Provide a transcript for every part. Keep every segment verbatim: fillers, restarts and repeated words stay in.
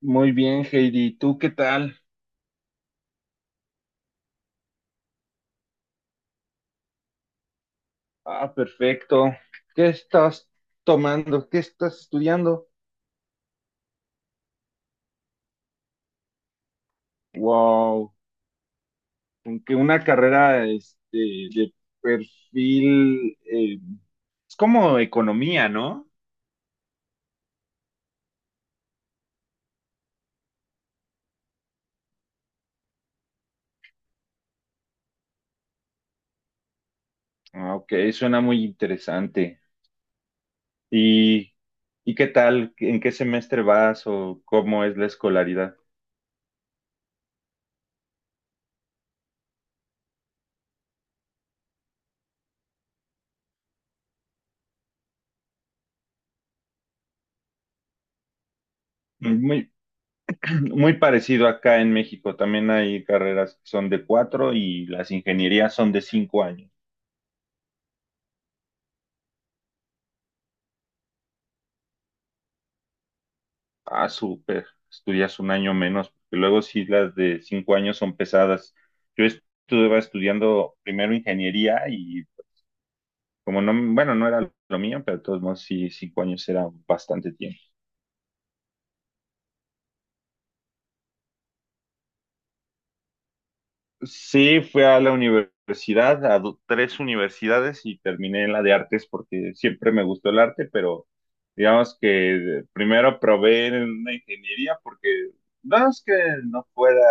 Muy bien, Heidi. ¿Tú qué tal? Ah, perfecto. ¿Qué estás tomando? ¿Qué estás estudiando? Wow, aunque una carrera este, de perfil eh, es como economía, ¿no? Ah, ok, suena muy interesante. ¿Y, y qué tal? ¿En qué semestre vas o cómo es la escolaridad? Muy, muy parecido acá en México. También hay carreras que son de cuatro y las ingenierías son de cinco años. Ah, súper. Estudias un año menos, porque luego sí las de cinco años son pesadas. Yo estuve estudiando primero ingeniería y como no, bueno, no era lo mío, pero de todos modos sí, cinco años era bastante tiempo. Sí, fui a la universidad, a do- tres universidades y terminé en la de artes porque siempre me gustó el arte, pero digamos que primero probé en una ingeniería porque no es que no pueda,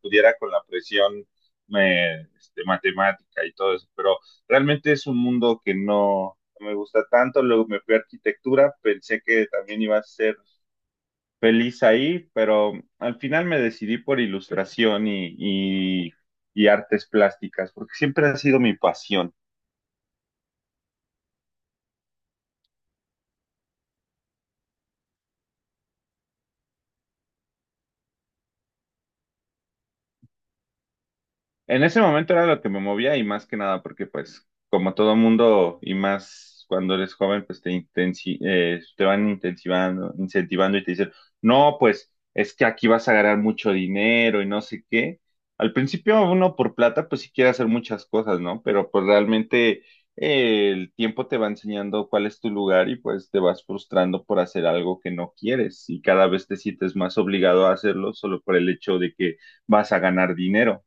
pudiera con la presión me- este, matemática y todo eso, pero realmente es un mundo que no no me gusta tanto. Luego me fui a arquitectura, pensé que también iba a ser feliz ahí, pero al final me decidí por ilustración y, y, y artes plásticas, porque siempre ha sido mi pasión. En ese momento era lo que me movía y más que nada porque pues como todo mundo y más cuando eres joven pues te, intensi- eh, te van intensivando, incentivando y te dicen, no, pues es que aquí vas a ganar mucho dinero y no sé qué. Al principio uno por plata pues sí quiere hacer muchas cosas, ¿no? Pero pues realmente eh, el tiempo te va enseñando cuál es tu lugar y pues te vas frustrando por hacer algo que no quieres y cada vez te sientes más obligado a hacerlo solo por el hecho de que vas a ganar dinero.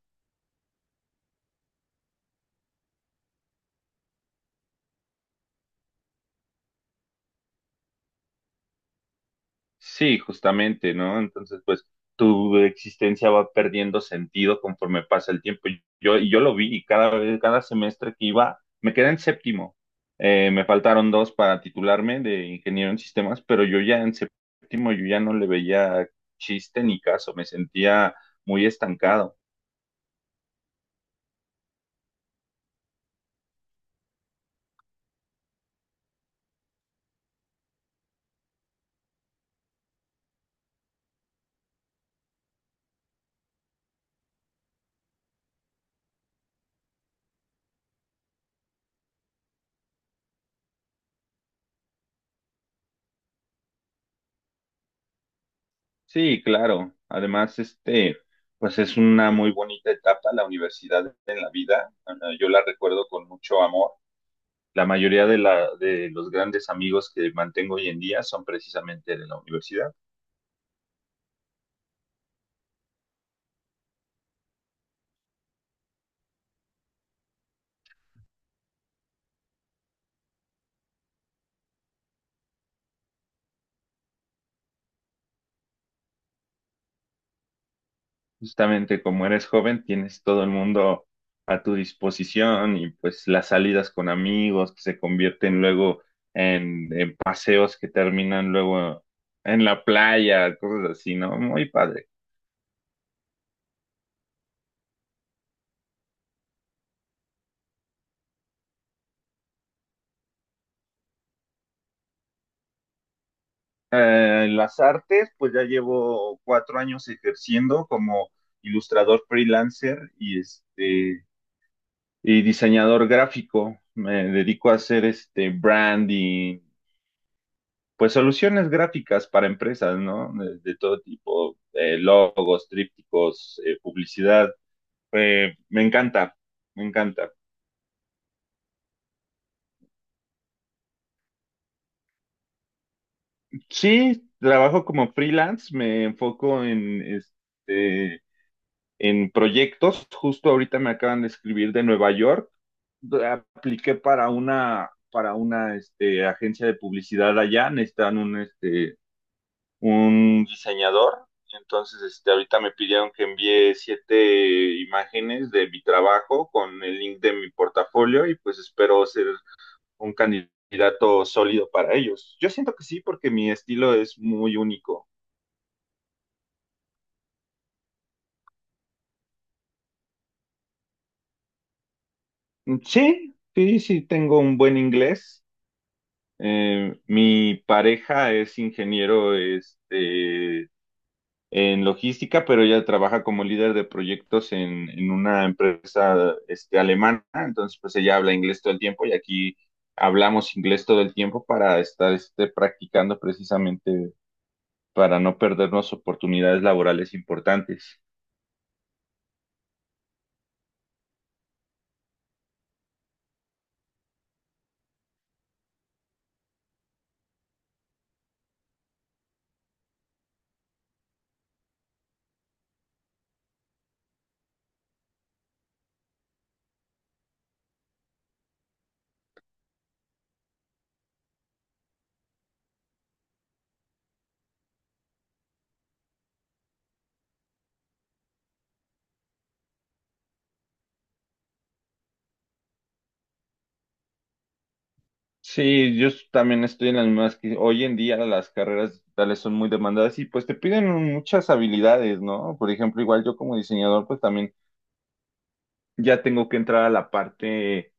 Sí, justamente, ¿no? Entonces, pues tu existencia va perdiendo sentido conforme pasa el tiempo. Y Yo, y yo lo vi y cada vez, cada semestre que iba, me quedé en séptimo. Eh, me faltaron dos para titularme de ingeniero en sistemas, pero yo ya en séptimo, yo ya no le veía chiste ni caso, me sentía muy estancado. Sí, claro. Además, este, pues es una muy bonita etapa la universidad en la vida. Eh, Yo la recuerdo con mucho amor. La mayoría de, la, De los grandes amigos que mantengo hoy en día son precisamente de la universidad. Justamente como eres joven, tienes todo el mundo a tu disposición y pues las salidas con amigos que se convierten luego en, en paseos que terminan luego en la playa, cosas así, ¿no? Muy padre. Eh, en las artes, pues ya llevo cuatro años ejerciendo como ilustrador freelancer y este y diseñador gráfico. Me dedico a hacer este branding, pues soluciones gráficas para empresas, ¿no? De, de todo tipo, eh, logos, trípticos, eh, publicidad. Eh, me encanta, me encanta. Sí, trabajo como freelance, me enfoco en este en proyectos. Justo ahorita me acaban de escribir de Nueva York. Apliqué para una para una este, agencia de publicidad allá, necesitan un este un diseñador. Entonces, este, ahorita me pidieron que envíe siete imágenes de mi trabajo con el link de mi portafolio y pues espero ser un candidato sólido para ellos. Yo siento que sí, porque mi estilo es muy único. Mm, sí, sí, sí, tengo un buen inglés. Eh, mi pareja es ingeniero, este, en logística, pero ella trabaja como líder de proyectos en, en una empresa este, alemana, entonces pues ella habla inglés todo el tiempo y aquí hablamos inglés todo el tiempo para estar este, practicando precisamente para no perdernos oportunidades laborales importantes. Sí, yo s- también estoy en las mismas que hoy en día las carreras digitales son muy demandadas y pues te piden muchas habilidades, ¿no? Por ejemplo, igual yo como diseñador pues también ya tengo que entrar a la parte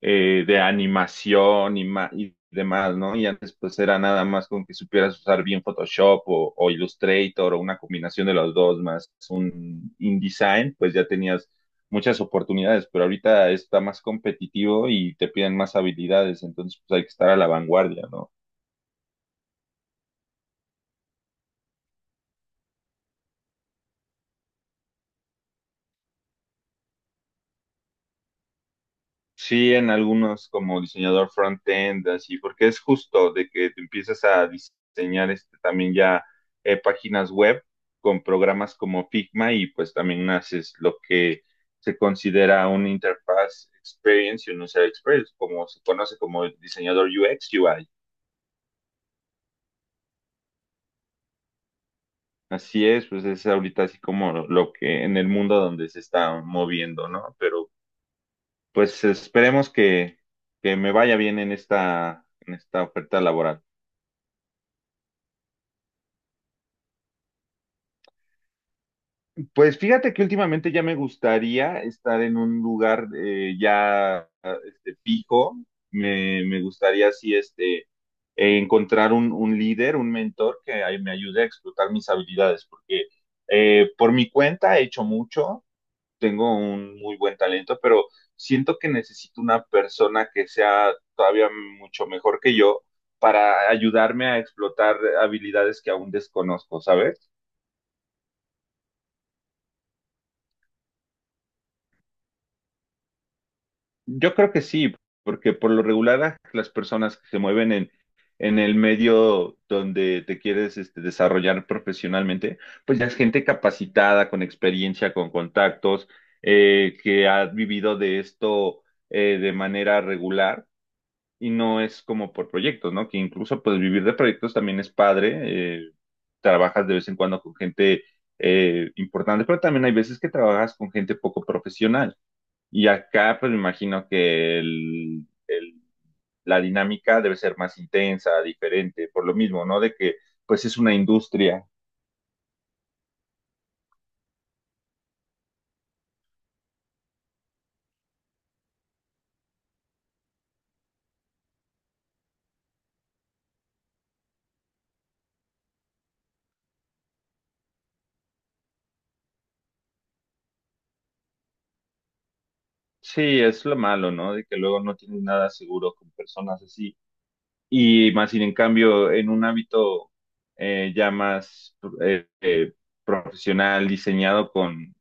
eh, de animación y, ma- y demás, ¿no? Y antes pues era nada más con que supieras usar bien Photoshop o, o Illustrator o una combinación de los dos más un InDesign, pues ya tenías muchas oportunidades, pero ahorita está más competitivo y te piden más habilidades, entonces pues hay que estar a la vanguardia, ¿no? Sí, en algunos como diseñador front-end, así, porque es justo de que te empiezas a diseñar este, también ya eh, páginas web con programas como Figma y pues también haces lo que se considera un interfaz experience y un user experience, como se conoce como diseñador U X, U I. Así es, pues es ahorita así como lo lo que en el mundo donde se está moviendo, ¿no? Pero pues esperemos que, que me vaya bien en esta, en esta oferta laboral. Pues fíjate que últimamente ya me gustaría estar en un lugar eh, ya este, fijo. Me, me gustaría así este, eh, encontrar un, un líder, un mentor que ay- me ayude a explotar mis habilidades, porque eh, por mi cuenta he hecho mucho, tengo un muy buen talento, pero siento que necesito una persona que sea todavía mucho mejor que yo para ayudarme a explotar habilidades que aún desconozco, ¿sabes? Yo creo que sí, porque por lo regular las personas que se mueven en, en el medio donde te quieres este, desarrollar profesionalmente, pues ya es gente capacitada, con experiencia, con contactos, eh, que ha vivido de esto eh, de manera regular y no es como por proyectos, ¿no? Que incluso pues vivir de proyectos también es padre, eh, trabajas de vez en cuando con gente eh, importante, pero también hay veces que trabajas con gente poco profesional. Y acá, pues me imagino que el, el- la dinámica debe ser más intensa, diferente, por lo mismo, ¿no? De que, pues es una industria. Sí, es lo malo, ¿no? De que luego no tienes nada seguro con personas así. Y más sin en cambio, en un ámbito eh, ya más eh, eh, profesional, diseñado con,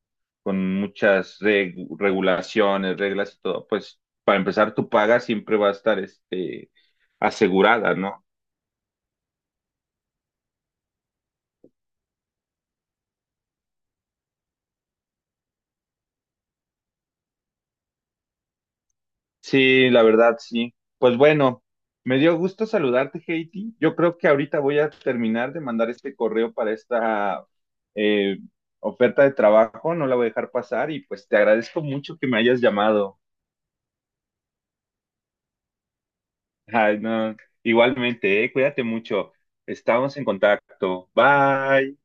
con muchas reg- regulaciones, reglas y todo, pues para empezar, tu paga siempre va a estar este, asegurada, ¿no? Sí, la verdad, sí. Pues bueno, me dio gusto saludarte, Heidi. Yo creo que ahorita voy a terminar de mandar este correo para esta eh, oferta de trabajo. No la voy a dejar pasar y pues te agradezco mucho que me hayas llamado. Ay, no. Igualmente, eh, cuídate mucho. Estamos en contacto. Bye.